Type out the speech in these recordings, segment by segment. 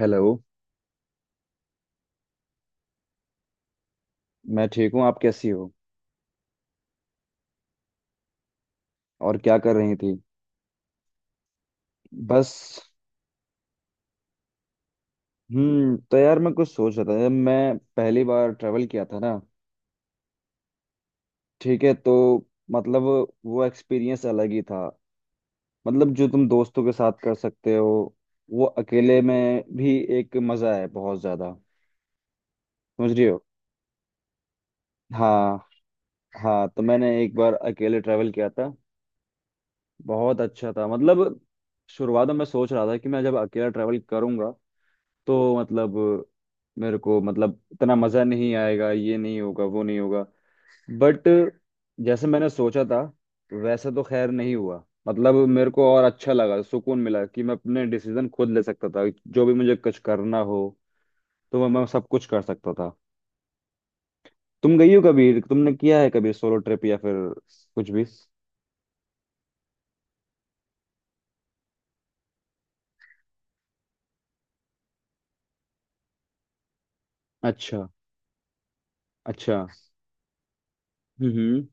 Hello. मैं ठीक हूँ। आप कैसी हो? और क्या कर रही थी? बस। तो यार, मैं कुछ सोच रहा था, जब मैं पहली बार ट्रेवल किया था ना। ठीक है। तो मतलब वो एक्सपीरियंस अलग ही था। मतलब, जो तुम दोस्तों के साथ कर सकते हो, वो अकेले में भी एक मज़ा है बहुत ज़्यादा। समझ रही हो? हाँ, हाँ, तो मैंने एक बार अकेले ट्रैवल किया था। बहुत अच्छा था मतलब। शुरुआत में मैं सोच रहा था कि मैं जब अकेला ट्रैवल करूंगा, तो मतलब मेरे को मतलब इतना मज़ा नहीं आएगा, ये नहीं होगा, वो नहीं होगा। बट जैसे मैंने सोचा था, वैसा तो खैर नहीं हुआ। मतलब मेरे को और अच्छा लगा, सुकून मिला कि मैं अपने डिसीजन खुद ले सकता था, जो भी मुझे कुछ करना हो। तो मैं सब कुछ कर सकता था। तुम गई हो कभी? तुमने किया है कभी सोलो ट्रिप या फिर कुछ भी? अच्छा, अच्छा। हम्म।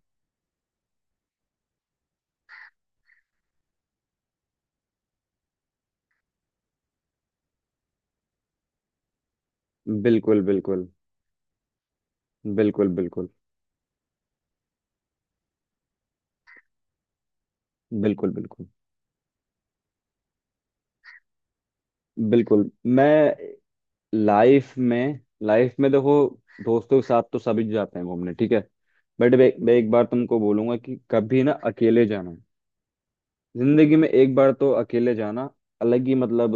बिल्कुल, बिल्कुल, बिल्कुल, बिल्कुल, बिल्कुल, बिल्कुल, बिल्कुल। मैं लाइफ में लाइफ में देखो, दोस्तों के साथ तो सभी जाते हैं घूमने, ठीक है। बट मैं एक बार तुमको बोलूंगा कि कभी ना अकेले जाना। जिंदगी में एक बार तो अकेले जाना। अलग ही मतलब।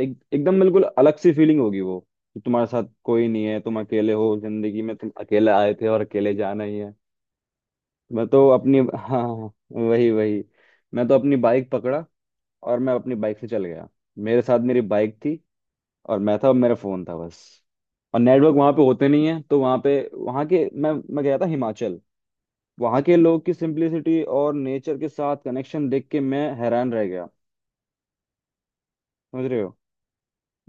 एक एकदम बिल्कुल अलग सी फीलिंग होगी वो, कि तुम्हारे साथ कोई नहीं है, तुम अकेले हो, जिंदगी में तुम अकेले आए थे और अकेले जाना ही है। मैं तो अपनी हाँ, हाँ, वही, वही। मैं तो अपनी बाइक पकड़ा और मैं अपनी बाइक से चल गया। मेरे साथ मेरी बाइक थी, और मैं था, मेरा फोन था, बस। और नेटवर्क वहां पे होते नहीं है, तो वहां के मैं गया था हिमाचल। वहां के लोग की सिंप्लिसिटी और नेचर के साथ कनेक्शन देख के मैं हैरान रह गया। समझ रहे हो?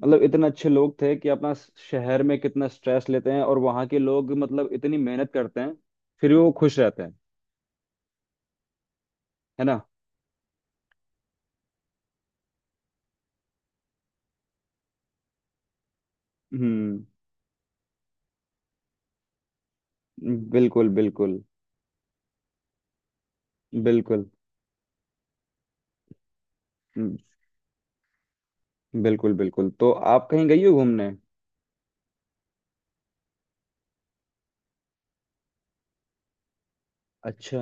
मतलब इतने अच्छे लोग थे कि अपना शहर में कितना स्ट्रेस लेते हैं, और वहां के लोग मतलब इतनी मेहनत करते हैं, फिर भी वो खुश रहते हैं। है ना? हम्म, बिल्कुल, बिल्कुल, बिल्कुल। हम्म, बिल्कुल, बिल्कुल। तो आप कहीं गई हो घूमने? अच्छा,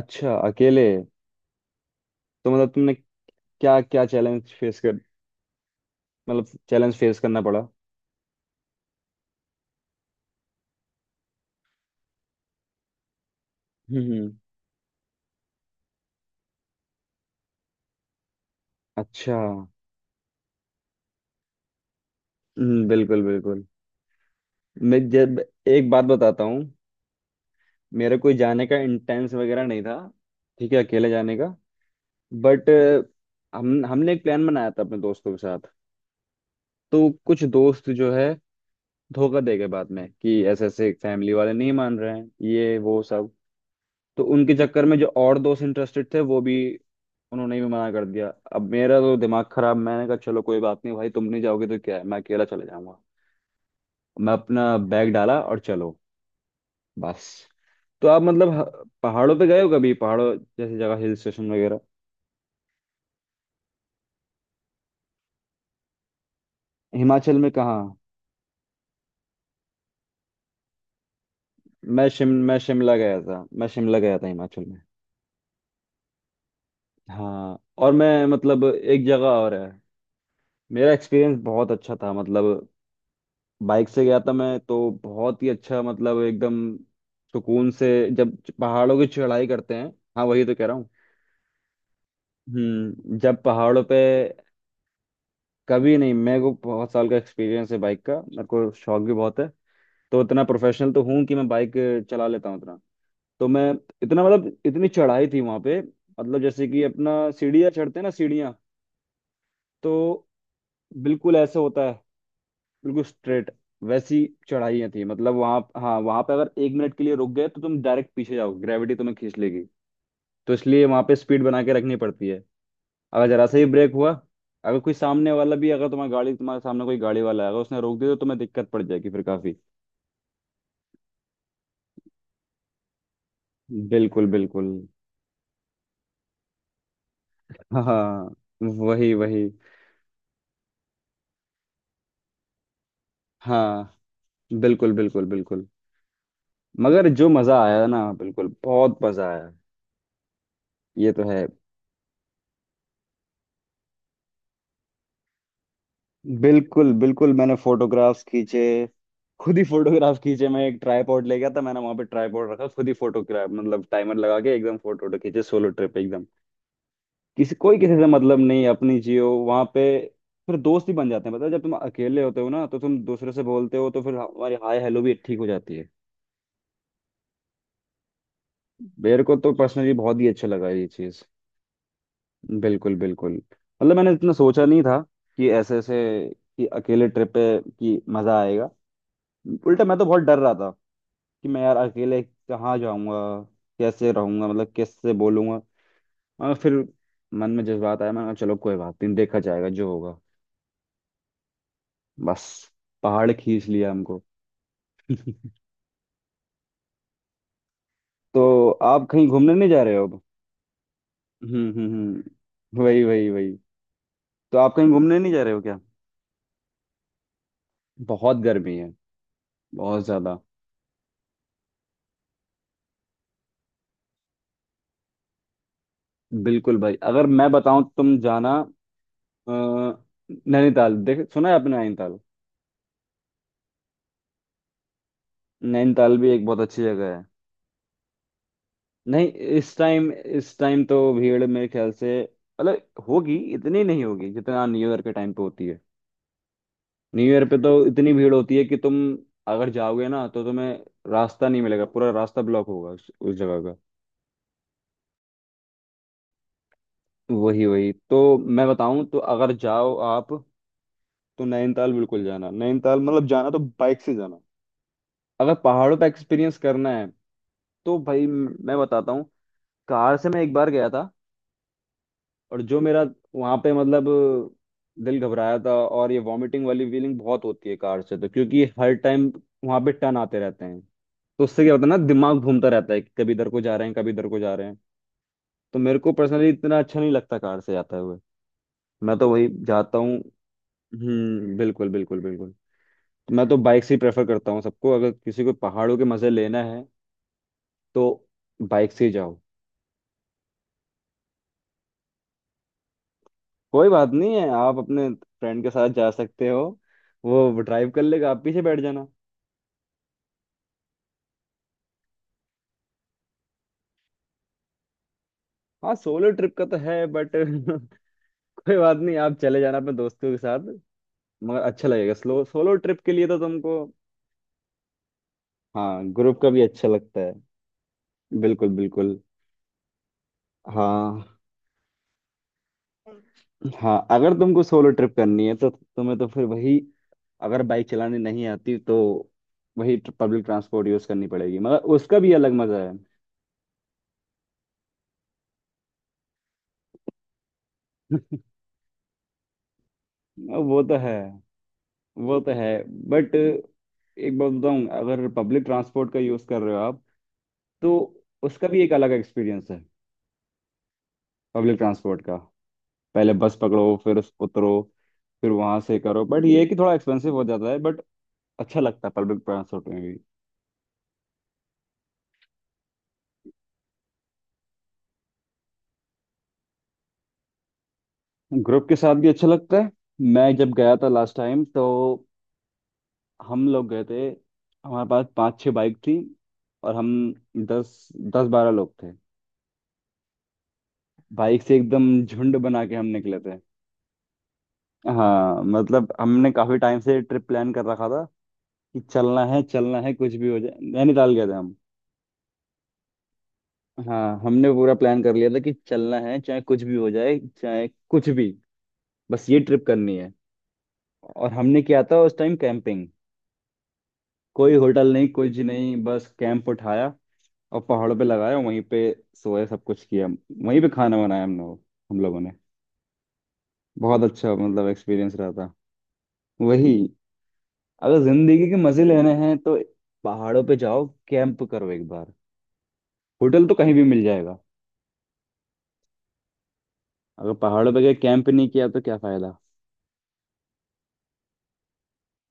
अच्छा, अकेले? तो मतलब तुमने क्या क्या चैलेंज फेस कर मतलब चैलेंज फेस करना पड़ा? हम्म, अच्छा। बिल्कुल, बिल्कुल। मैं जब एक बात बताता हूँ। मेरा कोई जाने का इंटेंस वगैरह नहीं था, ठीक है, अकेले जाने का। बट हम हमने एक प्लान बनाया था अपने दोस्तों के साथ। तो कुछ दोस्त जो है, धोखा दे गए बाद में, कि ऐसे ऐसे फैमिली वाले नहीं मान रहे हैं, ये वो सब। तो उनके चक्कर में जो और दोस्त इंटरेस्टेड थे, वो भी, उन्होंने भी मना कर दिया। अब मेरा तो दिमाग खराब। मैंने कहा चलो कोई बात नहीं भाई, तुम नहीं जाओगे तो क्या है, मैं अकेला चले जाऊंगा। मैं अपना बैग डाला और चलो। बस। तो आप मतलब पहाड़ों पे गए हो कभी? पहाड़ों जैसी जगह, हिल स्टेशन वगैरह? हिमाचल में कहाँ? मैं शिमला गया था, मैं शिमला गया था हिमाचल में। हाँ, और मैं मतलब एक जगह और है। मेरा एक्सपीरियंस बहुत अच्छा था मतलब। बाइक से गया था मैं, तो बहुत ही अच्छा मतलब एकदम सुकून से, जब पहाड़ों की चढ़ाई करते हैं। हाँ वही तो कह रहा हूँ। जब पहाड़ों पे, कभी नहीं, मेरे को बहुत साल का एक्सपीरियंस है बाइक का, मेरे को शौक भी बहुत है। तो इतना प्रोफेशनल तो हूँ कि मैं बाइक चला लेता हूँ, इतना। तो मैं, इतना मतलब इतनी चढ़ाई थी वहां पे, मतलब जैसे कि अपना सीढ़ियाँ चढ़ते हैं ना सीढ़ियाँ, तो बिल्कुल ऐसे होता है, बिल्कुल स्ट्रेट वैसी चढ़ाइयाँ थी मतलब। वहां, हाँ वहां पे अगर 1 मिनट के लिए रुक गए तो तुम डायरेक्ट पीछे जाओ, ग्रेविटी तुम्हें खींच लेगी। तो इसलिए वहां पे स्पीड बना के रखनी पड़ती है। अगर जरा सा ही ब्रेक हुआ, अगर कोई सामने वाला भी, अगर तुम्हारी गाड़ी, तुम्हारे सामने कोई गाड़ी वाला है, अगर उसने रोक दिया तो तुम्हें दिक्कत पड़ जाएगी फिर काफी। बिल्कुल, बिल्कुल। हाँ, वही, वही। हाँ, बिल्कुल, बिल्कुल, बिल्कुल। मगर जो मजा आया ना, बिल्कुल बहुत मजा आया, ये तो है। बिल्कुल, बिल्कुल, मैंने फोटोग्राफ्स खींचे, खुद ही फोटोग्राफ खींचे। मैं एक ट्राईपॉड ले गया था, मैंने वहां पे ट्राईपॉड रखा, खुद ही फोटोग्राफ मतलब टाइमर लगा के एकदम फोटो वोटो खींचे, सोलो ट्रिप एकदम। किसी कोई किसी से मतलब नहीं, अपनी जियो वहां पे। फिर दोस्त ही बन जाते हैं, पता है जब तुम अकेले होते हो ना, तो तुम दूसरे से बोलते हो, तो फिर हमारी हाय हेलो भी ठीक हो जाती है। मेरे को तो पर्सनली बहुत ही अच्छा लगा ये चीज। बिल्कुल, बिल्कुल, मतलब मैंने इतना सोचा नहीं था कि ऐसे ऐसे, कि अकेले ट्रिप पे कि मजा आएगा। उल्टा मैं तो बहुत डर रहा, कि मैं यार अकेले कहाँ जाऊंगा, कैसे रहूंगा, मतलब कैसे बोलूंगा। मगर फिर मन में जज्बात आया, मैंने कहा चलो कोई बात नहीं, देखा जाएगा जो होगा। बस, पहाड़ खींच लिया हमको। तो आप कहीं घूमने नहीं जा रहे हो अब? हम्म, हम्म, हम्म, वही, वही, वही। तो आप कहीं घूमने नहीं जा रहे हो क्या? बहुत गर्मी है, बहुत ज्यादा। बिल्कुल भाई, अगर मैं बताऊं, तुम जाना। अ, नैनीताल, देख सुना है आपने नैनीताल? नैनीताल भी एक बहुत अच्छी जगह है। नहीं, इस टाइम तो भीड़ मेरे ख्याल से, मतलब होगी, इतनी नहीं होगी जितना न्यू ईयर के टाइम पे होती है। न्यू ईयर पे तो इतनी भीड़ होती है कि तुम, अगर जाओगे ना तो तुम्हें रास्ता नहीं मिलेगा, पूरा रास्ता ब्लॉक होगा उस जगह का। वही, वही, तो मैं बताऊं, तो अगर जाओ आप, तो नैनीताल बिल्कुल जाना। नैनीताल मतलब जाना तो बाइक से जाना, अगर पहाड़ों पे एक्सपीरियंस करना है। तो भाई मैं बताता हूँ, कार से मैं एक बार गया था, और जो मेरा वहां पे मतलब दिल घबराया था, और ये वॉमिटिंग वाली फीलिंग बहुत होती है कार से, तो क्योंकि हर टाइम वहां पे टर्न आते रहते हैं। तो उससे क्या होता है ना, दिमाग घूमता रहता है कि कभी इधर को जा रहे हैं, कभी इधर को जा रहे हैं। तो मेरे को पर्सनली इतना अच्छा नहीं लगता कार से जाते हुए, मैं तो वही जाता हूँ। हम्म, बिल्कुल, बिल्कुल, बिल्कुल। तो मैं तो बाइक से ही प्रेफर करता हूँ सबको, अगर किसी को पहाड़ों के मजे लेना है, तो बाइक से ही जाओ। कोई बात नहीं है, आप अपने फ्रेंड के साथ जा सकते हो, वो ड्राइव कर लेगा आप पीछे बैठ जाना। हाँ, सोलो ट्रिप का तो है बट कोई बात नहीं, आप चले जाना अपने दोस्तों के साथ, मगर अच्छा लगेगा स्लो सोलो ट्रिप के लिए तो तुमको। हाँ, ग्रुप का भी अच्छा लगता है, बिल्कुल, बिल्कुल। हाँ, हाँ, अगर तुमको सोलो ट्रिप करनी है, तो तुम्हें तो फिर वही, अगर बाइक चलानी नहीं आती तो, वही पब्लिक ट्रांसपोर्ट यूज करनी पड़ेगी, मगर उसका भी अलग मजा है। वो तो है, वो तो है। बट एक बात बताऊं, अगर पब्लिक ट्रांसपोर्ट का यूज कर रहे हो आप, तो उसका भी एक अलग एक्सपीरियंस है, पब्लिक ट्रांसपोर्ट का। पहले बस पकड़ो, फिर उस उतरो, फिर वहां से करो। बट ये है कि थोड़ा एक्सपेंसिव हो जाता है, बट अच्छा लगता है पब्लिक ट्रांसपोर्ट में भी। ग्रुप के साथ भी अच्छा लगता है। मैं जब गया था लास्ट टाइम तो हम लोग गए थे, हमारे पास 5-6 बाइक थी, और हम दस 10-12 लोग थे। बाइक से एकदम झुंड बना के हम निकले थे। हाँ मतलब हमने काफी टाइम से ट्रिप प्लान कर रखा था कि चलना है, चलना है, कुछ भी हो जाए। नैनीताल गए थे हम। हाँ हमने पूरा प्लान कर लिया था कि चलना है, चाहे कुछ भी हो जाए, चाहे कुछ भी, बस ये ट्रिप करनी है। और हमने किया था उस टाइम कैंपिंग, कोई होटल नहीं, कुछ नहीं, बस कैंप उठाया और पहाड़ों पे लगाया, वहीं पे सोए, सब कुछ किया, वहीं पे खाना बनाया हम लोग, हम लोगों ने। बहुत अच्छा मतलब एक्सपीरियंस रहा था। वही, अगर जिंदगी के मजे लेने हैं तो पहाड़ों पे जाओ, कैंप करो एक बार। होटल तो कहीं भी मिल जाएगा, अगर पहाड़ों पे गए कैंप नहीं किया तो क्या फायदा।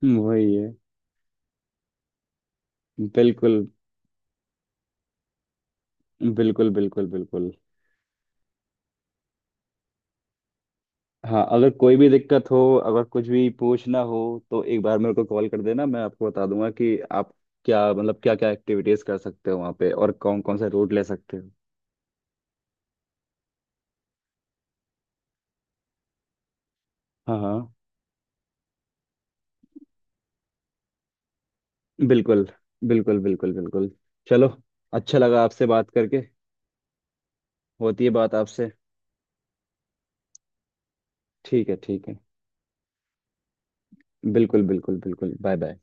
वही है। बिल्कुल, बिल्कुल, बिल्कुल, बिल्कुल। हाँ, अगर कोई भी दिक्कत हो, अगर कुछ भी पूछना हो, तो एक बार मेरे को कॉल कर देना, मैं आपको बता दूंगा कि आप क्या मतलब क्या क्या एक्टिविटीज कर सकते हो वहाँ पे, और कौन कौन सा रूट ले सकते हो। हाँ, हाँ, बिल्कुल, बिल्कुल, बिल्कुल, बिल्कुल। चलो, अच्छा लगा आपसे बात करके। होती है बात आपसे। ठीक है, ठीक है। बिल्कुल, बिल्कुल, बिल्कुल, बाय, बाय।